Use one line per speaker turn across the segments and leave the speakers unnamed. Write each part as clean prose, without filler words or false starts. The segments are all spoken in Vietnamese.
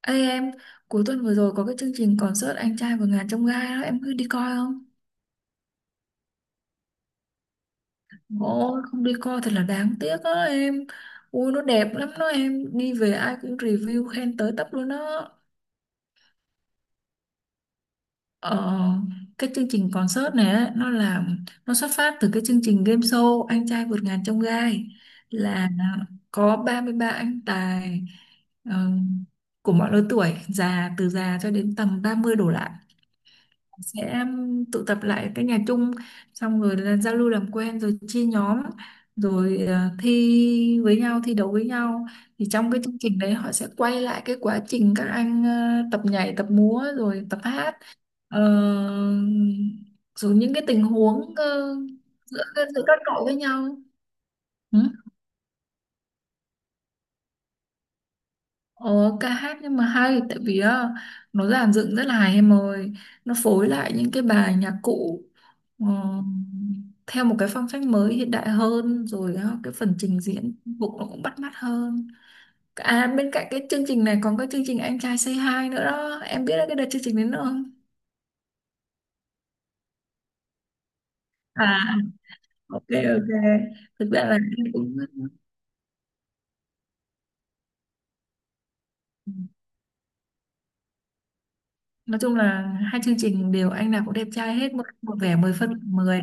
Ê em, cuối tuần vừa rồi có cái chương trình concert Anh trai vượt ngàn chông gai đó, em cứ đi coi không? Ôi, không đi coi thật là đáng tiếc đó em. Ui, nó đẹp lắm đó em, đi về ai cũng review khen tới tấp luôn đó. Ờ, cái chương trình concert này á, nó xuất phát từ cái chương trình game show Anh trai vượt ngàn chông gai, là có 33 anh tài ờ, của mọi lứa tuổi, già từ già cho đến tầm 30 đổ lại, sẽ tụ tập lại cái nhà chung, xong rồi là giao lưu làm quen rồi chia nhóm, rồi thi với nhau, thi đấu với nhau. Thì trong cái chương trình đấy họ sẽ quay lại cái quá trình các anh tập nhảy tập múa rồi tập hát. Ờ, Rồi những cái tình huống ờ, giữa giữa các đội với nhau. Ừ. Ồ, ca hát nhưng mà hay, tại vì á, nó dàn dựng rất là hay em ơi, nó phối lại những cái bài nhạc cụ ờ, theo một cái phong cách mới hiện đại hơn. Rồi á, cái phần trình diễn phục nó cũng bắt mắt hơn. À bên cạnh cái chương trình này còn có chương trình Anh trai Say Hi nữa đó, em biết cái đợt chương trình đến không? À, ok, ok. Thực ra là em cũng, nói chung là hai chương trình đều anh nào cũng đẹp trai hết, một, một vẻ 10 phân mười.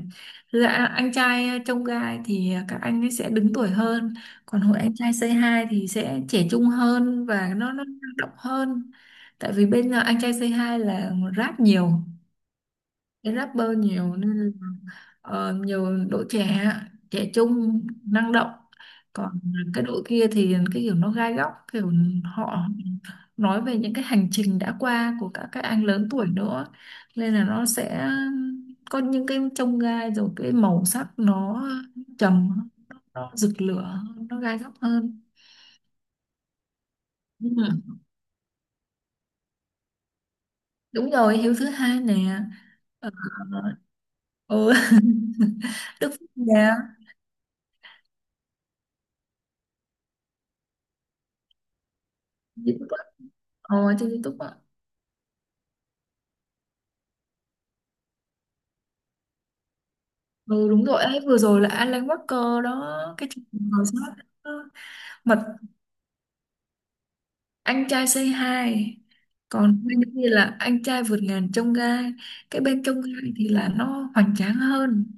Dạ, anh trai trông gai thì các anh ấy sẽ đứng tuổi hơn, còn hội anh trai Say Hi thì sẽ trẻ trung hơn và nó năng động hơn. Tại vì bên anh trai Say Hi là rap nhiều, cái rapper nhiều nên nhiều đội trẻ, trẻ trung năng động. Còn cái đội kia thì cái kiểu nó gai góc, kiểu họ nói về những cái hành trình đã qua của các anh lớn tuổi nữa, nên là nó sẽ có những cái chông gai rồi cái màu sắc nó trầm, nó rực lửa, nó gai góc hơn. Ừ. Đúng rồi, Hiếu thứ hai nè. ờ, ừ. Đức Phúc nè. YouTube á. Trên YouTube á. Ừ đúng rồi ấy, vừa rồi là Alan Walker đó cái chương trình ngồi sót. Mật anh trai Say Hi, còn bên kia là anh trai vượt ngàn chông gai. Cái bên chông gai thì là nó hoành tráng hơn.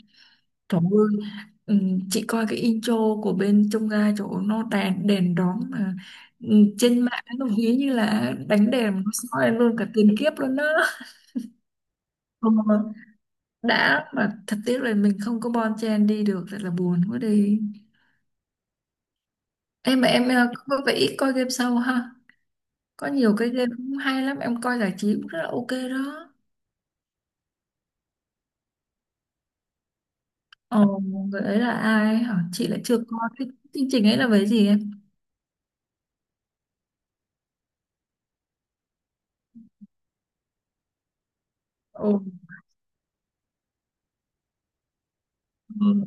Trời ơi, ừ, chị coi cái intro của bên chông gai chỗ nó đèn đèn đóm mà, ừ, trên mạng nó ví như là đánh đèn mà nó soi lên luôn cả tiền kiếp luôn đó. Ừ, đã mà thật tiếc là mình không có bon chen đi được, thật là buồn quá đi. Em mà em có vẻ ít coi game show ha. Có nhiều cái game cũng hay lắm, em coi giải trí cũng rất là ok đó. Ồ, người ấy là ai hả? Chị lại chưa coi cái chương trình ấy. Là về gì em? Ồ, ừ,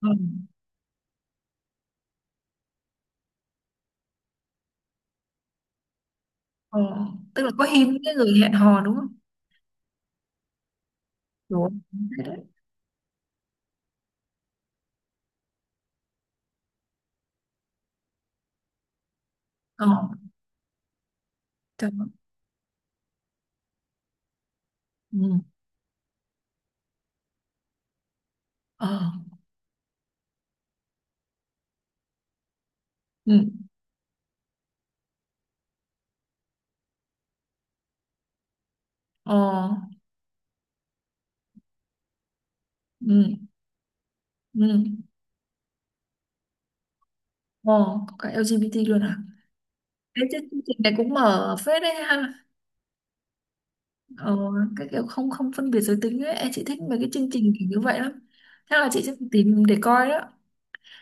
ừ, ừ. Tức là có hình cái người hẹn hò đúng không? Đúng. Thế đấy. Ờ, trời ơi. Ừ, ờ, ừ, ờ, ừ, ừ, ờ, Có cả LGBT luôn à? Thế chứ chương trình này cũng mở phết đấy ha. Ờ, cái kiểu không không phân biệt giới tính ấy, em, chị thích mấy cái chương trình kiểu như vậy lắm. Chắc là chị sẽ tìm để coi đó.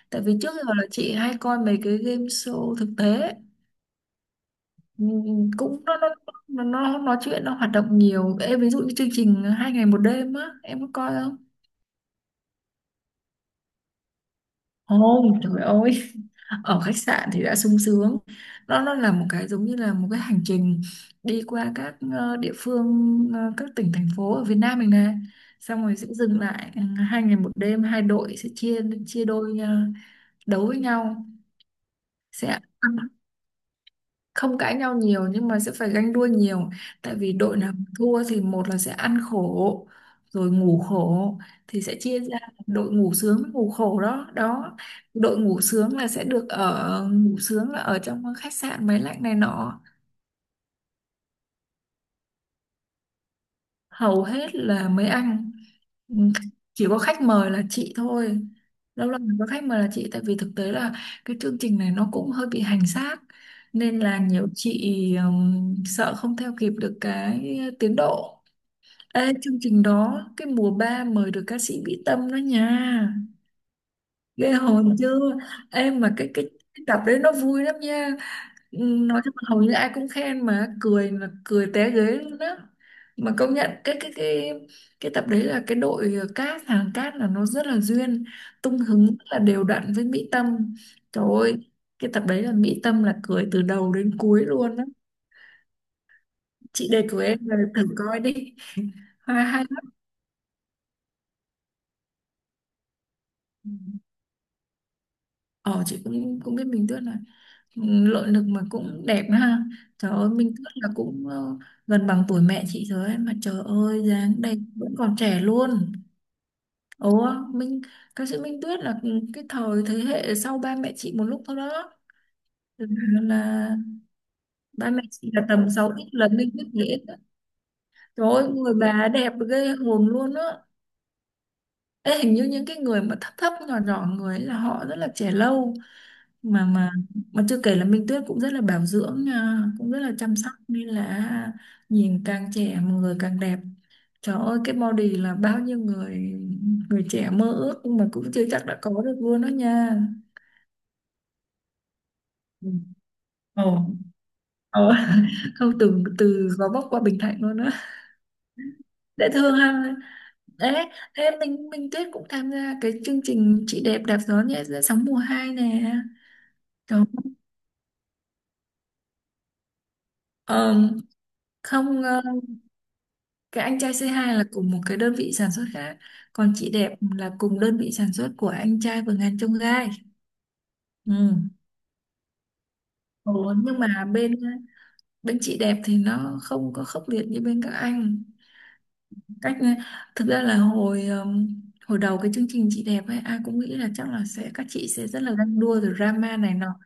Tại vì trước giờ là chị hay coi mấy cái game show thực tế ấy. Cũng nó nói chuyện, nó hoạt động nhiều em, ví dụ như chương trình hai ngày một đêm á, em có coi? Ôi trời ơi, ở khách sạn thì đã sung sướng, nó là một cái giống như là một cái hành trình đi qua các địa phương, các tỉnh thành phố ở Việt Nam mình nè. Xong rồi sẽ dừng lại hai ngày một đêm, hai đội sẽ chia chia đôi, đấu với nhau. Sẽ ăn, không cãi nhau nhiều nhưng mà sẽ phải ganh đua nhiều, tại vì đội nào thua thì một là sẽ ăn khổ rồi ngủ khổ, thì sẽ chia ra đội ngủ sướng với ngủ khổ đó đó. Đội ngủ sướng là sẽ được ở, ngủ sướng là ở trong khách sạn máy lạnh này nọ. Hầu hết là mấy anh, ừ, chỉ có khách mời là chị thôi. Lâu lâu mới có khách mời là chị, tại vì thực tế là cái chương trình này nó cũng hơi bị hành xác, nên là nhiều chị sợ không theo kịp được cái tiến độ. Ê, chương trình đó cái mùa 3 mời được ca sĩ Mỹ Tâm đó nha, ghê hồn chưa. Em mà cái cái tập đấy nó vui lắm nha. Ừ, nói chung là hầu như ai cũng khen, mà cười là cười té ghế luôn á. Mà công nhận cái tập đấy là cái đội cát, hàng cát là nó rất là duyên, tung hứng rất là đều đặn với Mỹ Tâm. Trời ơi, cái tập đấy là Mỹ Tâm là cười từ đầu đến cuối luôn á. Chị đề cử em là thử coi đi, hay hay lắm. Ừ. Ờ chị cũng cũng biết Minh Tuyết này, nội lực mà cũng đẹp đó ha. Trời ơi Minh Tuyết là cũng gần bằng tuổi mẹ chị rồi ấy. Mà trời ơi dáng đẹp vẫn còn trẻ luôn. Ủa, Minh, ca sĩ Minh Tuyết là cái thời thế hệ sau ba mẹ chị một lúc thôi đó. Là, là ba mẹ chị là tầm 6 ít lần Minh Tuyết dễ. Trời ơi, người bà đẹp ghê hồn luôn á. Ê, hình như những cái người mà thấp thấp nhỏ nhỏ người ấy là họ rất là trẻ lâu. Mà mà mà chưa kể là Minh Tuyết cũng rất là bảo dưỡng nha, cũng rất là chăm sóc, nên là nhìn càng trẻ mà người càng đẹp. Trời ơi cái body là bao nhiêu người, người trẻ mơ ước nhưng mà cũng chưa chắc đã có được luôn đó nha. Ừ. Ồ, ờ. Không, từ từ Gò Vấp qua Bình Thạnh luôn á. Dễ thương ha. Đấy, thế mình Tuyết cũng tham gia cái chương trình chị đẹp đạp gió nhé sóng mùa 2 nè. Đó. Ờ, không ờ, Cái anh trai c hai là cùng một cái đơn vị sản xuất khác, còn chị đẹp là cùng đơn vị sản xuất của anh trai Vườn Ngàn Chông Gai. Ừ. Ồ, nhưng mà bên bên chị đẹp thì nó không có khốc liệt như bên các anh. Cách, thực ra là hồi hồi đầu cái chương trình chị đẹp ấy ai cũng nghĩ là chắc là sẽ các chị sẽ rất là ganh đua rồi drama này nọ,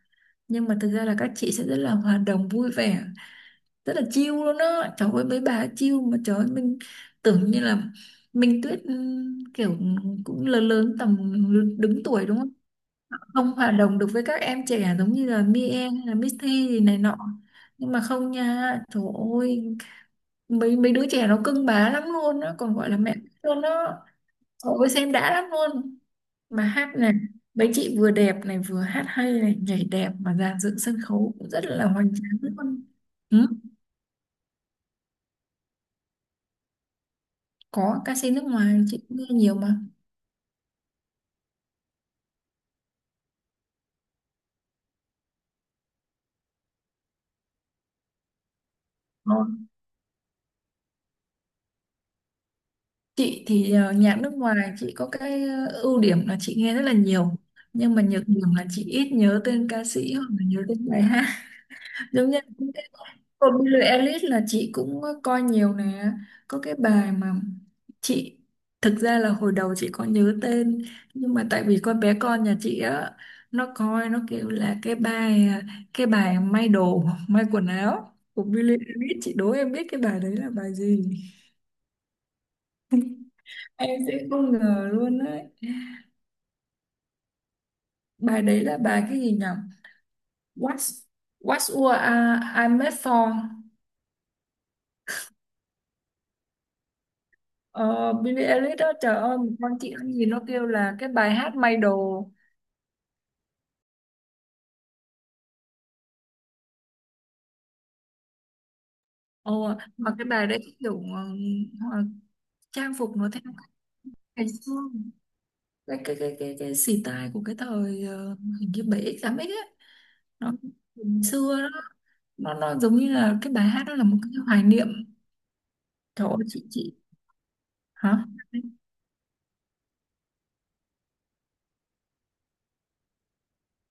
nhưng mà thực ra là các chị sẽ rất là hòa đồng vui vẻ, rất là chill luôn á. Trời ơi mấy bà ấy chill mà, trời ơi mình tưởng như là Minh Tuyết kiểu cũng lớn lớn tầm đứng tuổi đúng không, không hòa đồng được với các em trẻ giống như là Mia hay là misty gì này nọ. Nhưng mà không nha, trời ơi mấy mấy đứa trẻ nó cưng bá lắm luôn á, còn gọi là mẹ luôn đó. Ôi xem đã lắm luôn. Mà hát này, mấy chị vừa đẹp này vừa hát hay này, nhảy đẹp mà dàn dựng sân khấu cũng rất là hoành tráng luôn. Ừ? Có, ca sĩ nước ngoài chị cũng nghe nhiều mà. Ờ. Chị thì nhạc nước ngoài chị có cái ưu điểm là chị nghe rất là nhiều. Nhưng mà nhược điểm là chị ít nhớ tên ca sĩ hoặc là nhớ tên bài hát. Giống như của Billie Eilish là chị cũng coi nhiều nè, có cái bài mà chị, thực ra là hồi đầu chị có nhớ tên nhưng mà tại vì con bé con nhà chị á, nó coi nó kêu là cái bài may đồ, may quần áo của Billie Eilish. Chị đố em biết cái bài đấy là bài gì. Em sẽ không ngờ luôn đấy. Bài đấy là bài cái gì nhỉ. What's What's What I Made For. Ờ, Billie Eilish đó, trời ơi một con chị ăn gì nó kêu là cái bài hát may đồ. ờ, mà cái bài đấy cái kiểu ờ, trang phục nó theo cách ngày xưa, cái style của cái thời hình như bảy x tám x ấy, nó ngày xưa đó. Nó giống như là cái bài hát đó là một cái hoài niệm. Trời ơi chị chị. Hả?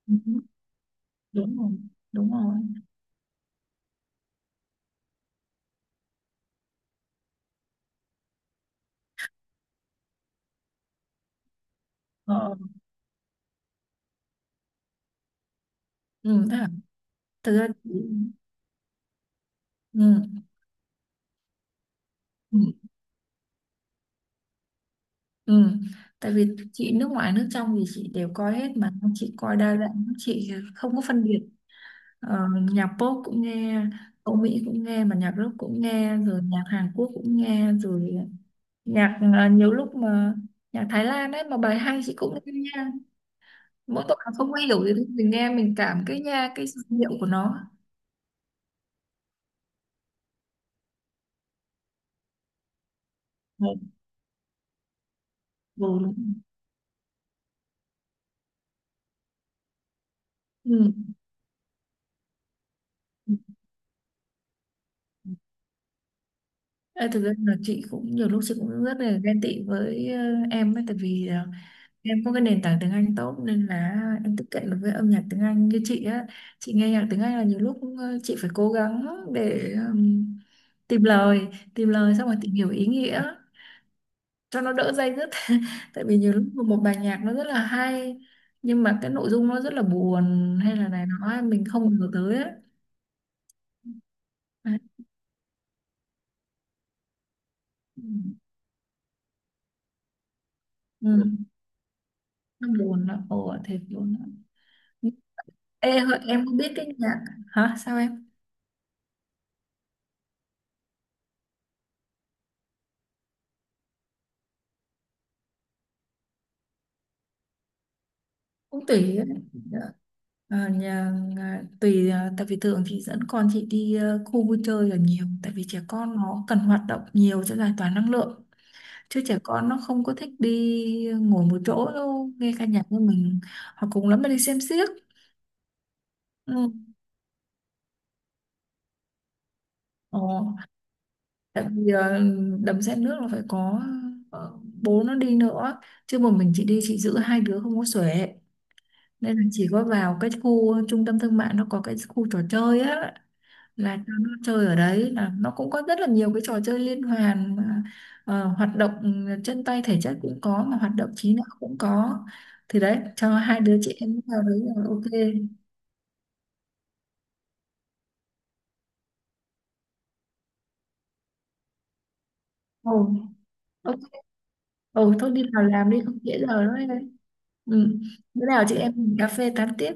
Ừ, đúng rồi, đúng rồi. ờ, ừ, thế à? Thực ra chị, ừ. Ừ. Ừ. Tại vì chị nước ngoài nước trong thì chị đều coi hết, mà chị coi đa dạng, chị không có phân biệt. ờ, Nhạc pop cũng nghe, Âu Mỹ cũng nghe, mà nhạc rock cũng nghe, rồi nhạc Hàn Quốc cũng nghe rồi. Nhạc nhiều lúc mà nhạc Thái Lan ấy mà bài hay chị cũng nghe nha. Mỗi tội là không có hiểu gì thì mình nghe mình cảm cái nha, cái giai điệu của nó. Ờ, ừ, đúng, ừ. Ê, thực ra là chị cũng nhiều lúc chị cũng rất là ghen tị với em ấy, tại vì em có cái nền tảng tiếng Anh tốt nên là em tiếp cận được với âm nhạc tiếng Anh như chị á. Chị nghe nhạc tiếng Anh là nhiều lúc chị phải cố gắng để tìm lời tìm lời xong rồi tìm hiểu ý nghĩa cho nó đỡ day dứt. Tại vì nhiều lúc một một bài nhạc nó rất là hay nhưng mà cái nội dung nó rất là buồn, hay là này nó ấy, mình không ngờ tới ấy. Đấy. Ừ. Ừ. Ừ. Nó buồn, nó ồ thiệt buồn. Ê, Hội, em không biết cái nhạc hả sao em. Cũng tùy ấy. Ờ, nhà, nhà- tùy à, tại vì thường chị dẫn con chị đi khu vui chơi là nhiều, tại vì trẻ con nó cần hoạt động nhiều cho giải tỏa năng lượng, chứ trẻ con nó không có thích đi ngồi một chỗ đâu nghe ca nhạc như mình, hoặc cùng lắm là đi xem xiếc. Ừ. Ờ, tại vì đầm sen nước là phải có ờ, bố nó đi nữa, chứ một mình chị đi chị giữ hai đứa không có xuể. Nên là chỉ có vào cái khu trung tâm thương mại nó có cái khu trò chơi á, là cho nó chơi ở đấy là nó cũng có rất là nhiều cái trò chơi liên hoàn mà, hoạt động, ừ, chân tay thể chất cũng có mà hoạt động trí não cũng có. Thì đấy cho hai đứa chị em vào đấy là ok. Ồ, ok. Ồ thôi đi vào làm đi không trễ giờ nữa đấy. Ừ. Bữa nào chị em mình cà phê tán tiếp.